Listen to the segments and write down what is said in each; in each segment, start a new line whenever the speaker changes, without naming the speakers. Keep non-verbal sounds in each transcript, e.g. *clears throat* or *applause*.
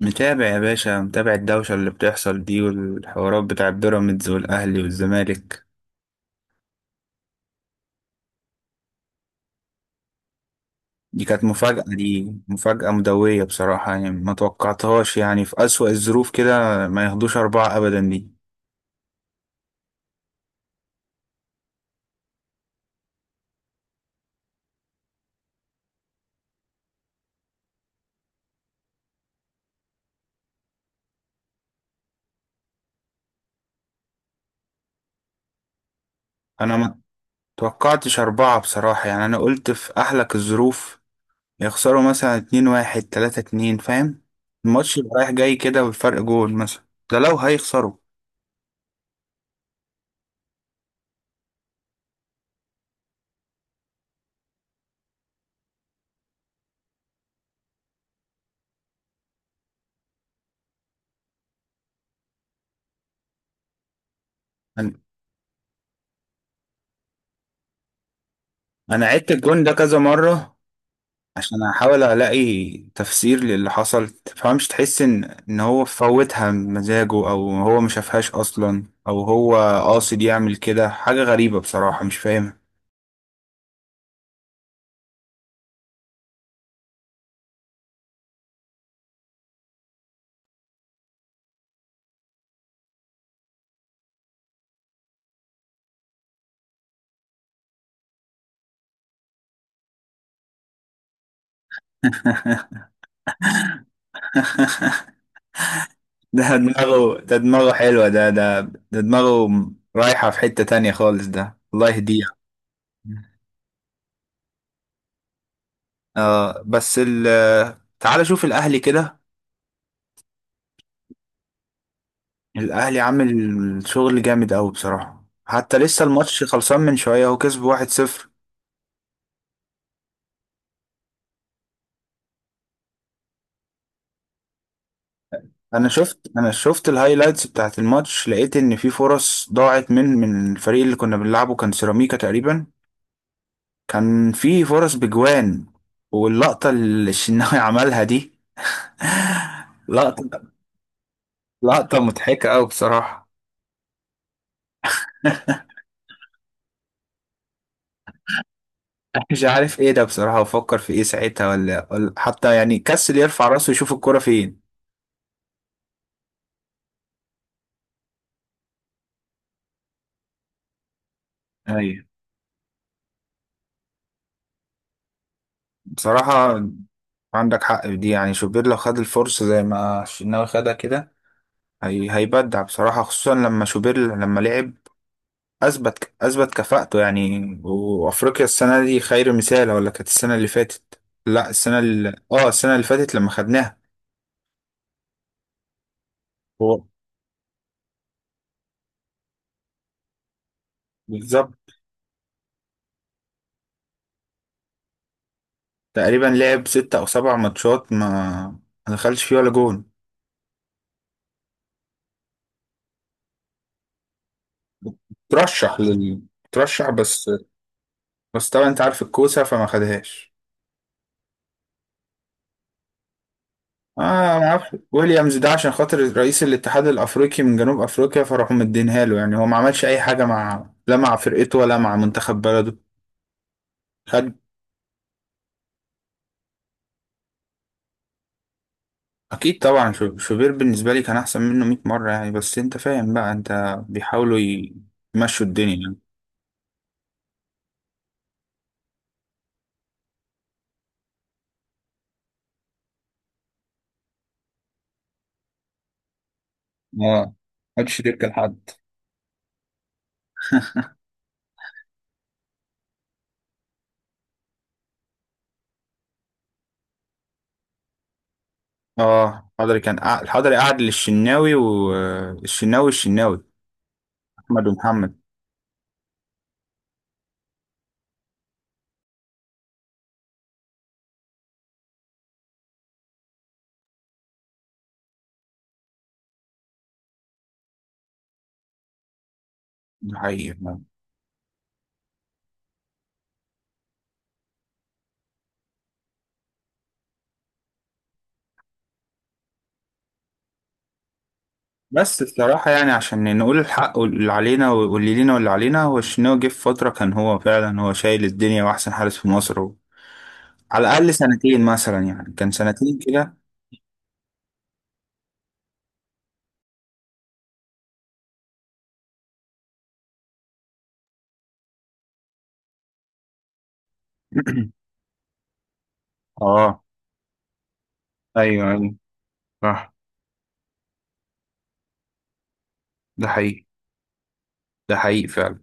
متابع يا باشا، متابع الدوشة اللي بتحصل دي والحوارات بتاع بيراميدز والأهلي والزمالك. دي كانت مفاجأة، دي مفاجأة مدوية بصراحة، يعني ما توقعتهاش، يعني في أسوأ الظروف كده ما ياخدوش أربعة أبدا. دي أنا ما توقعتش أربعة بصراحة، يعني أنا قلت في أحلك الظروف يخسروا مثلا 2-1، 3-2، فاهم؟ الماتش يبقى رايح جاي كده والفرق جول مثلا، ده لو هيخسروا. أنا أنا عدت الجون ده كذا مرة عشان احاول الاقي تفسير للي حصل. تفهمش، تحس ان هو فوتها بمزاجه، او هو ما شافهاش اصلا، او هو قاصد يعمل كده. حاجة غريبة بصراحة، مش فاهمها. *laughs* ده دماغه، ده دماغه حلوة، ده دماغه رايحة في حتة تانية خالص. ده الله يهديه. آه، بس تعال شوف الأهلي كده. الأهلي عامل شغل جامد أوي بصراحة. حتى لسه الماتش خلصان من شوية، هو كسب 1-0. انا شفت، انا شفت الهايلايتس بتاعت الماتش، لقيت ان في فرص ضاعت من الفريق اللي كنا بنلعبه، كان سيراميكا تقريبا. كان في فرص بجوان، واللقطة اللي الشناوي *laughs* عملها دي لقطة، لقطة مضحكة أوي بصراحة. *laughs* مش عارف ايه ده بصراحة، وفكر في ايه ساعتها، ولا حتى يعني كسل يرفع راسه يشوف الكرة فين. ايوه، بصراحة عندك حق في دي، يعني شوبير لو خد الفرصة زي ما الشناوي خدها كده، هي هيبدع بصراحة. خصوصا لما شوبير لما لعب اثبت كفاءته، يعني وافريقيا السنه دي خير مثال، ولا كانت السنه اللي فاتت. لا، السنه اللي اه، السنه اللي فاتت لما خدناها. هو بالظبط. تقريبا لعب 6 أو 7 ماتشات، ما دخلش فيه ولا جون. ترشح لل ترشح، بس طبعا انت عارف الكوسه، فما خدهاش. اه، ما اعرفش ويليامز ده، عشان خاطر رئيس الاتحاد الافريقي من جنوب افريقيا فراحوا مدينها له، يعني هو ما عملش اي حاجه، مع لا مع فرقته ولا مع منتخب بلده. خد اكيد طبعا، شوبير بالنسبه لي كان احسن منه 100 مره يعني. بس انت فاهم بقى، انت بيحاولوا يمشوا الدنيا يعني. اه، محدش يركب لحد. اه، حضري كان الحضري قعد للشناوي، والشناوي، الشناوي احمد ومحمد. ده حقيقي. بس الصراحه يعني عشان نقول الحق، واللي علينا واللي لينا واللي علينا، هو الشناوي جه في فتره كان هو فعلا هو شايل الدنيا واحسن حارس في مصر، و... على الاقل سنتين مثلا، يعني كان سنتين كده. *clears throat* اه، ايوه ايوه صح. ده حقيقي، ده حقيقي فعلا.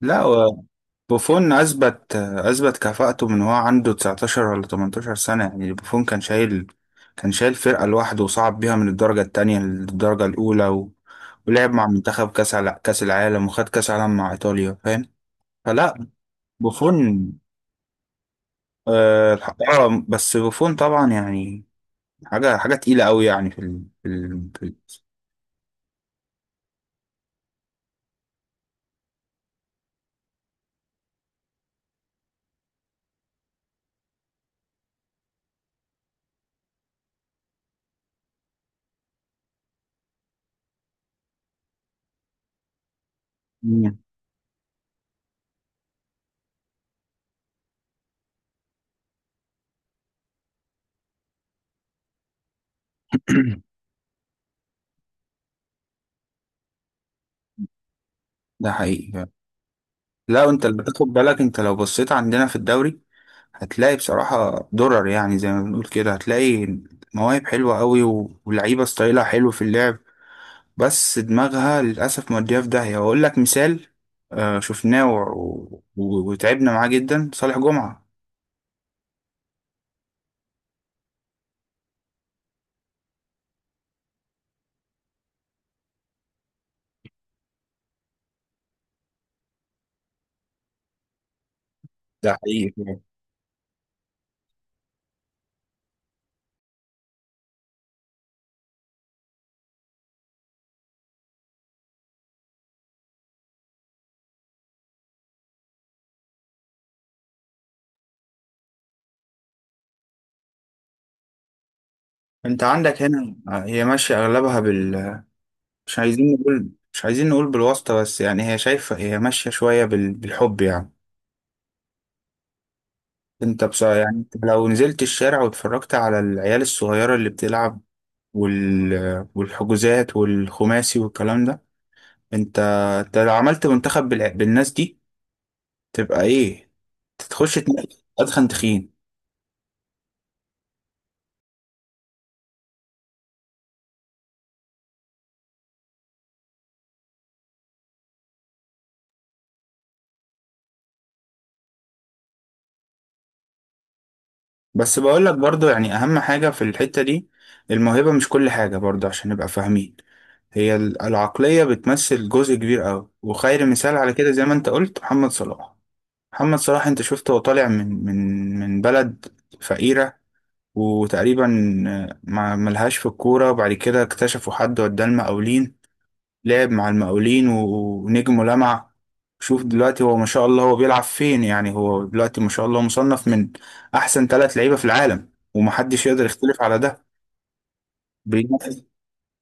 لا هو بوفون اثبت كفاءته من هو عنده 19 ولا 18 سنه، يعني بوفون كان شايل فرقه لوحده، وصعد بيها من الدرجه الثانيه للدرجه الاولى، و... ولعب مع منتخب كاس على كاس العالم، وخد كاس العالم مع ايطاليا، فاهم؟ فلا، بوفون آه، بس بوفون طبعا يعني حاجه، حاجه تقيله قوي يعني مم. *clears throat* ده حقيقي فعلا. لا انت اللي بتاخد بالك، انت لو بصيت عندنا في الدوري هتلاقي بصراحة درر، يعني زي ما بنقول كده. هتلاقي مواهب حلوة قوي ولعيبة ستايلها حلو في اللعب، بس دماغها للأسف مودية في داهية. وأقول لك مثال، آه، شفناه و- و- وتعبنا معاه جدا، صالح جمعة. ده حقيقي فعلا. أنت عندك هنا آه، هي ماشية أغلبها مش عايزين نقول، مش عايزين نقول بالواسطة، بس يعني هي شايفة، هي ماشية شوية بالحب يعني. أنت بصراحة يعني، أنت لو نزلت الشارع واتفرجت على العيال الصغيرة اللي بتلعب والحجوزات والخماسي والكلام ده، انت انت لو عملت منتخب بالناس دي، تبقى ايه. تخش تنافس ادخن تخين. بس بقول لك برضو يعني، اهم حاجة في الحتة دي، الموهبة مش كل حاجة برضو عشان نبقى فاهمين. هي العقلية بتمثل جزء كبير قوي، وخير مثال على كده زي ما انت قلت محمد صلاح. محمد صلاح انت شفته، هو طالع من بلد فقيرة، وتقريبا آه، ما ملهاش في الكورة، وبعد كده اكتشفوا حد وداه المقاولين، لعب مع المقاولين ونجم ولمع. شوف دلوقتي هو ما شاء الله هو بيلعب فين، يعني هو دلوقتي ما شاء الله مصنف من أحسن ثلاث لعيبة في العالم، ومحدش يقدر يختلف على ده. بينافس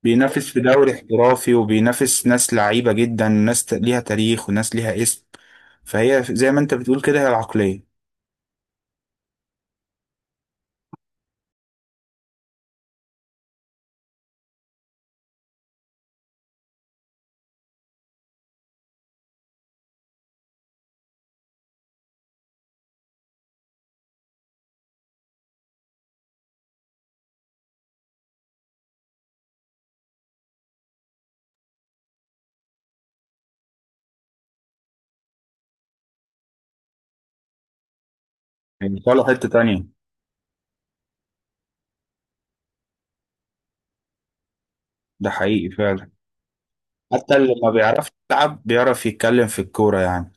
بينافس في دوري احترافي، وبينافس ناس لعيبة جدا، ناس ليها تاريخ وناس ليها اسم. فهي زي ما انت بتقول كده، هي العقلية يعني، طالعة حتة تانية. ده حقيقي فعلا. حتى اللي ما بيعرفش يلعب بيعرف يتكلم في الكورة يعني.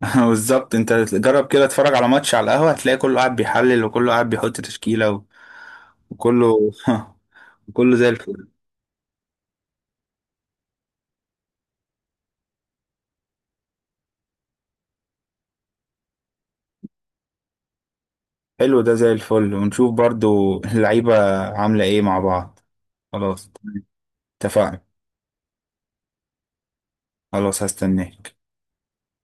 *laughs* بالظبط، انت جرب كده اتفرج على ماتش على القهوة، هتلاقي كله قاعد بيحلل وكله قاعد بيحط تشكيلة وكله *laughs* وكله زي الفل. حلو، ده زي الفل، ونشوف برضو اللعيبة عاملة ايه مع بعض. خلاص تمام. اتفقنا. خلاص، هستناك.